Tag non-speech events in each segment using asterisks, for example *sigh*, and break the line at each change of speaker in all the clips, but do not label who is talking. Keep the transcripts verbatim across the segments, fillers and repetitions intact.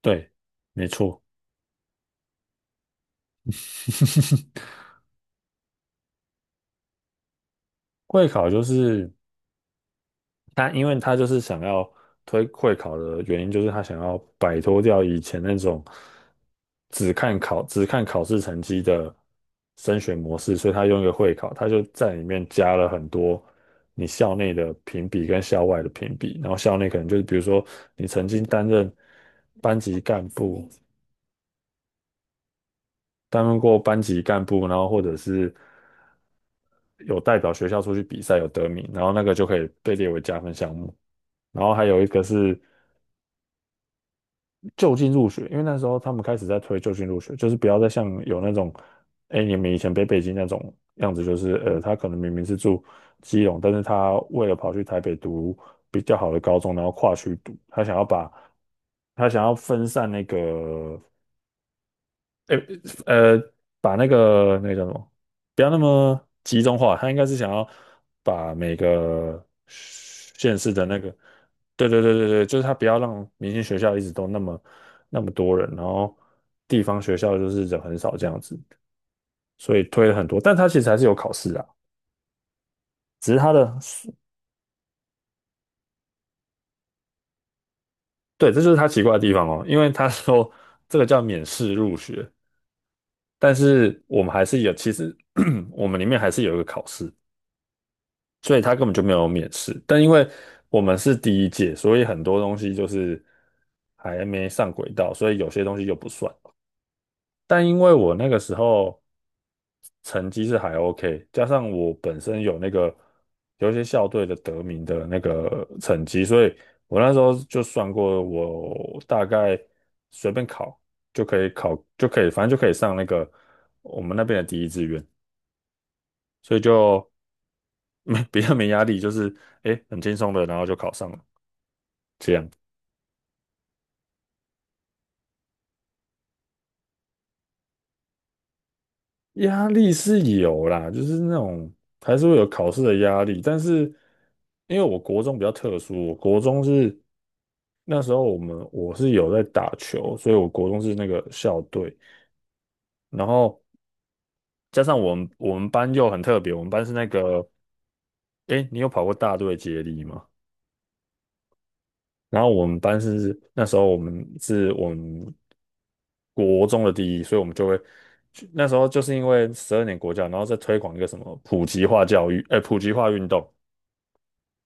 对，没错，会考就是他，因为他就是想要推会考的原因，就是他想要摆脱掉以前那种只看考、只看考试成绩的升学模式，所以他用一个会考，他就在里面加了很多你校内的评比跟校外的评比，然后校内可能就是比如说你曾经担任班级干部，担任过班级干部，然后或者是。有代表学校出去比赛有得名，然后那个就可以被列为加分项目。然后还有一个是就近入学，因为那时候他们开始在推就近入学，就是不要再像有那种，哎，你们以前北北京那种样子，就是呃，他可能明明是住基隆，但是他为了跑去台北读比较好的高中，然后跨区读，他想要把他想要分散那个诶呃，把那个那个叫什么，不要那么集中化，他应该是想要把每个县市的那个，对对对对对，就是他不要让明星学校一直都那么那么多人，然后地方学校就是人很少这样子，所以推了很多，但他其实还是有考试啊，只是他的，对，这就是他奇怪的地方哦，因为他说这个叫免试入学，但是我们还是有，其实 *clears throat* 我们里面还是有一个考试。所以他根本就没有免试。但因为我们是第一届，所以很多东西就是还没上轨道，所以有些东西就不算。但因为我那个时候成绩是还 OK，加上我本身有那个有一些校队的得名的那个成绩，所以我那时候就算过，我大概随便考就可以考，就可以，反正就可以上那个我们那边的第一志愿，所以就没 *laughs* 比较没压力，就是诶很轻松的，然后就考上了。这样压力是有啦，就是那种还是会有考试的压力，但是因为我国中比较特殊，我国中是那时候我们我是有在打球，所以我国中是那个校队，然后加上我们我们班又很特别，我们班是那个，诶，你有跑过大队接力吗？然后我们班是那时候我们是我们国中的第一，所以我们就会去那时候就是因为十二年国教，然后再推广一个什么普及化教育，呃，普及化运动，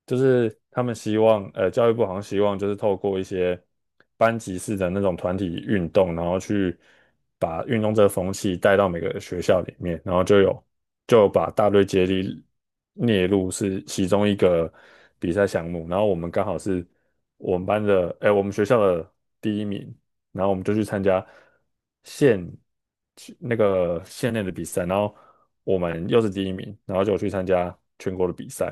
就是他们希望，呃，教育部好像希望就是透过一些班级式的那种团体运动，然后去把运动这个风气带到每个学校里面，然后就有就把大队接力列入是其中一个比赛项目，然后我们刚好是我们班的，哎，我们学校的第一名，然后我们就去参加县去那个县内的比赛，然后我们又是第一名，然后就去参加全国的比赛。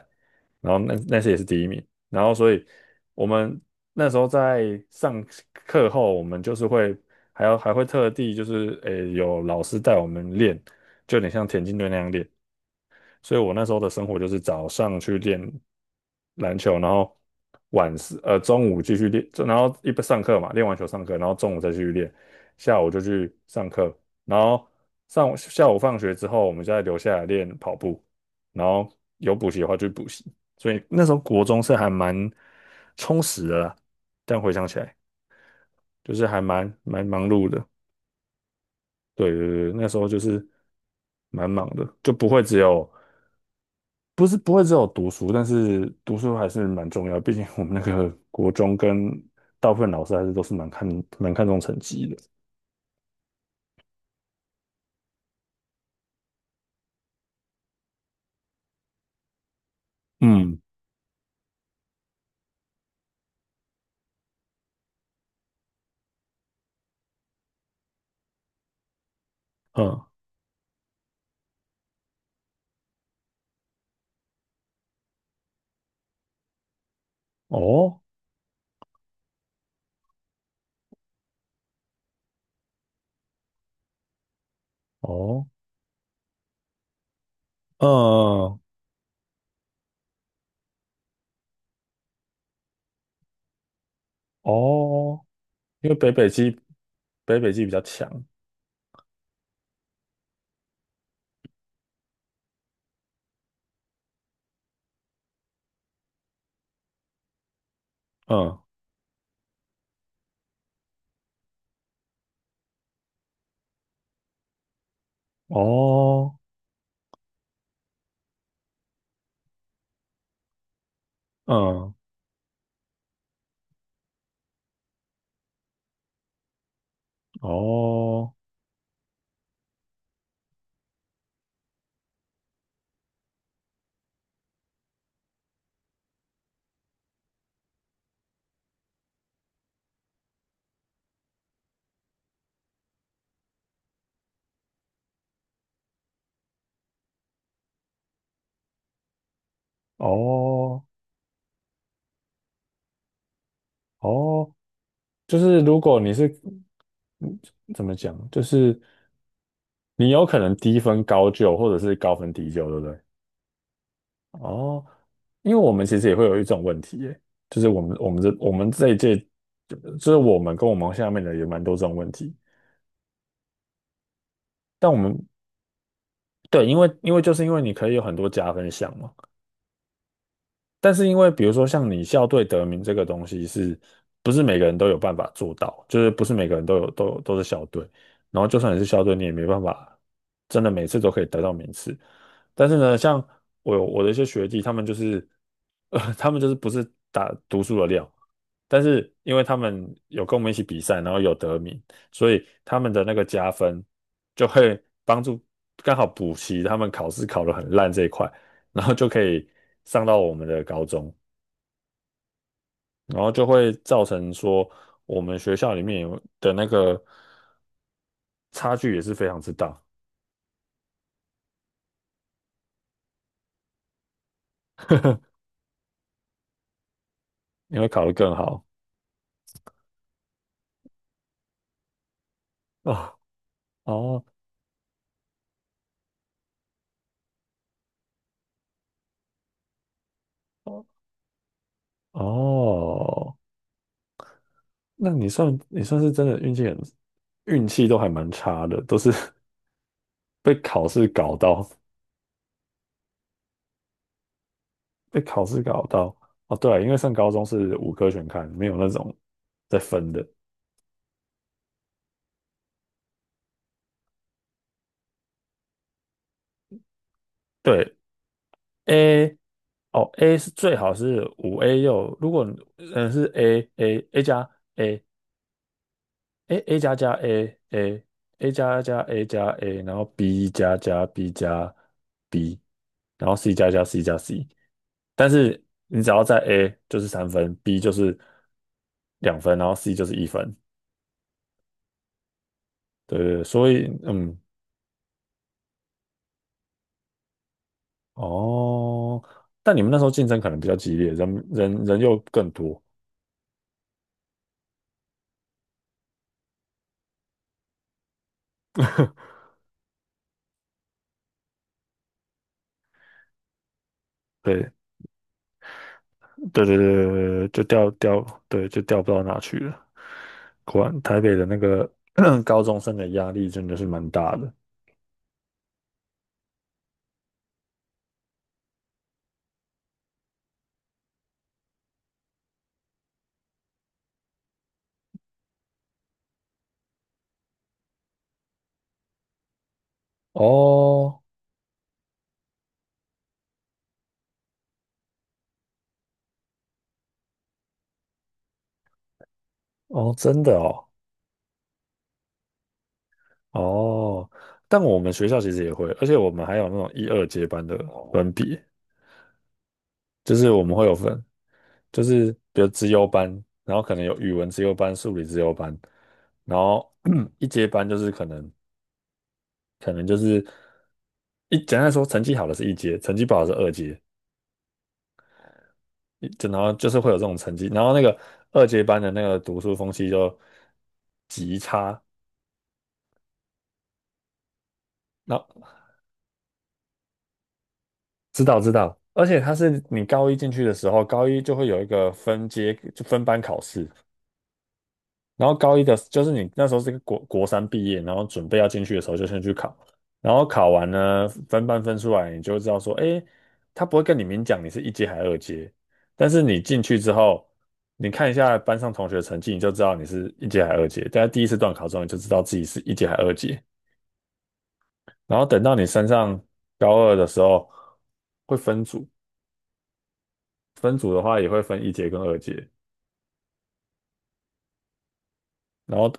然后那那次也是第一名，然后所以我们那时候在上课后，我们就是会还要还会特地就是诶有老师带我们练，就有点像田径队那样练，所以我那时候的生活就是早上去练篮球，然后晚是呃中午继续练，就然后一边上课嘛，练完球上课，然后中午再继续练，下午就去上课，然后上下午放学之后，我们再留下来练跑步，然后有补习的话就补习，所以那时候国中是还蛮充实的啦，但回想起来就是还蛮蛮忙碌的。对对对，那时候就是蛮忙的，就不会只有不是不会只有读书，但是读书还是蛮重要，毕竟我们那个国中跟大部分老师还是都是蛮看蛮看重成绩的。嗯嗯，哦哦，嗯，哦，因为北北基北北基比较强。嗯，哦，嗯，哦，哦，哦，就是如果你是嗯怎么讲，就是你有可能低分高就，或者是高分低就，对不对？哦，因为我们其实也会有一种问题耶，就是我们我们这我们这一届，就是我们跟我们下面的也蛮多这种问题，但我们对，因为因为就是因为你可以有很多加分项嘛。但是因为比如说像你校队得名这个东西是，不是每个人都有办法做到？就是不是每个人都有都有都是校队，然后就算你是校队，你也没办法真的每次都可以得到名次。但是呢，像我有我的一些学弟，他们就是，呃，他们就是不是打读书的料，但是因为他们有跟我们一起比赛，然后有得名，所以他们的那个加分就会帮助刚好补齐他们考试考得很烂这一块。然后就可以上到我们的高中，然后就会造成说我们学校里面有的那个差距也是非常之大，你会考得更好啊？哦，哦，哦，那你算你算是真的运气很，运气都还蛮差的，都是 *laughs* 被考试搞到，被考试搞到。哦，对啊，因为上高中是五科全开，没有那种在分的。对，A, 哦，A 是最好是五 A 六，如果嗯是 A A A 加 A A A 加加 A A A 加加 A 加 A,然后 B 加加 B 加 B,然后 C 加加 C 加 C,但是你只要在 A 就是三分，B 就是两分，然后 C 就是一分，对对对，所以嗯，哦，但你们那时候竞争可能比较激烈，人人人又更多，*laughs* 对。对对对对对，就掉掉，对，就掉不到哪去了。果然，台北的那个 *clears throat* 高中生的压力真的是蛮大的。哦，哦，真的哦，哦，但我们学校其实也会，而且我们还有那种一二阶班的分别，就是我们会有分，就是比如资优班，然后可能有语文资优班、数理资优班，然后 *clears throat* 一阶班就是可能可能就是一简单来说，成绩好的是一阶，成绩不好的是二阶，就然后就是会有这种成绩，然后那个二阶班的那个读书风气就极差。那知道知道，而且他是你高一进去的时候，高一就会有一个分阶就分班考试，然后高一的，就是你那时候是个国国三毕业，然后准备要进去的时候就先去考，然后考完呢，分班分出来，你就知道说，诶，他不会跟你明讲你是一阶还是二阶，但是你进去之后，你看一下班上同学的成绩，你就知道你是一阶还是二阶。大家第一次段考中，你就知道自己是一阶还是二阶。然后等到你升上高二的时候，会分组，分组的话也会分一阶跟二阶。然后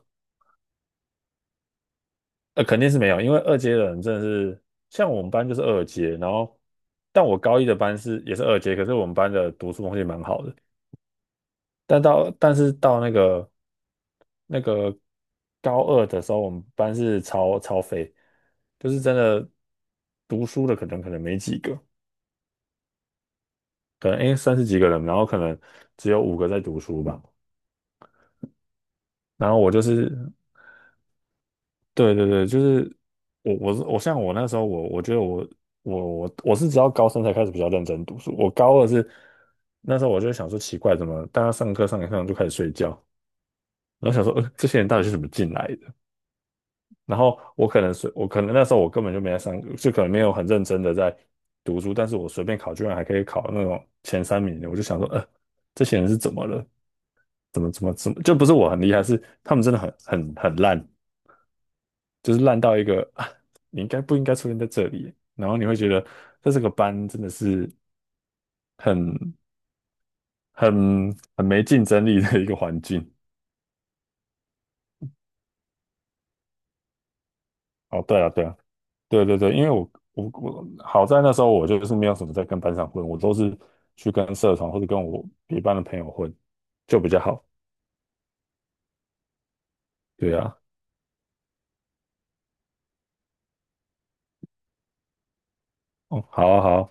呃，肯定是没有，因为二阶的人真的是，像我们班就是二阶，然后，但我高一的班是也是二阶，可是我们班的读书风气蛮好的，但到但是到那个那个高二的时候，我们班是超超废，就是真的读书的可能可能没几个，可能诶三十几个人，然后可能只有五个在读书吧，然后我就是对对对，就是我我是我像我那时候我我觉得我我我我是直到高三才开始比较认真读书，我高二是那时候我就想说奇怪，怎么大家上课上一上就开始睡觉，然后想说、呃、这些人到底是怎么进来的？然后我可能随我可能那时候我根本就没在上，就可能没有很认真的在读书，但是我随便考居然还可以考那种前三名的，我就想说呃这些人是怎么了？怎么怎么怎么？就不是我很厉害，是他们真的很很很烂。就是烂到一个啊你应该不应该出现在这里？然后你会觉得在这个班真的是很很很没竞争力的一个环境。哦，对啊，对啊，对对对，因为我我我好在那时候我就是没有什么在跟班上混，我都是去跟社团或者跟我别班的朋友混，就比较好。对啊，哦，好啊，好啊，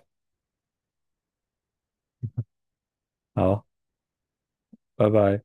好啊，拜拜。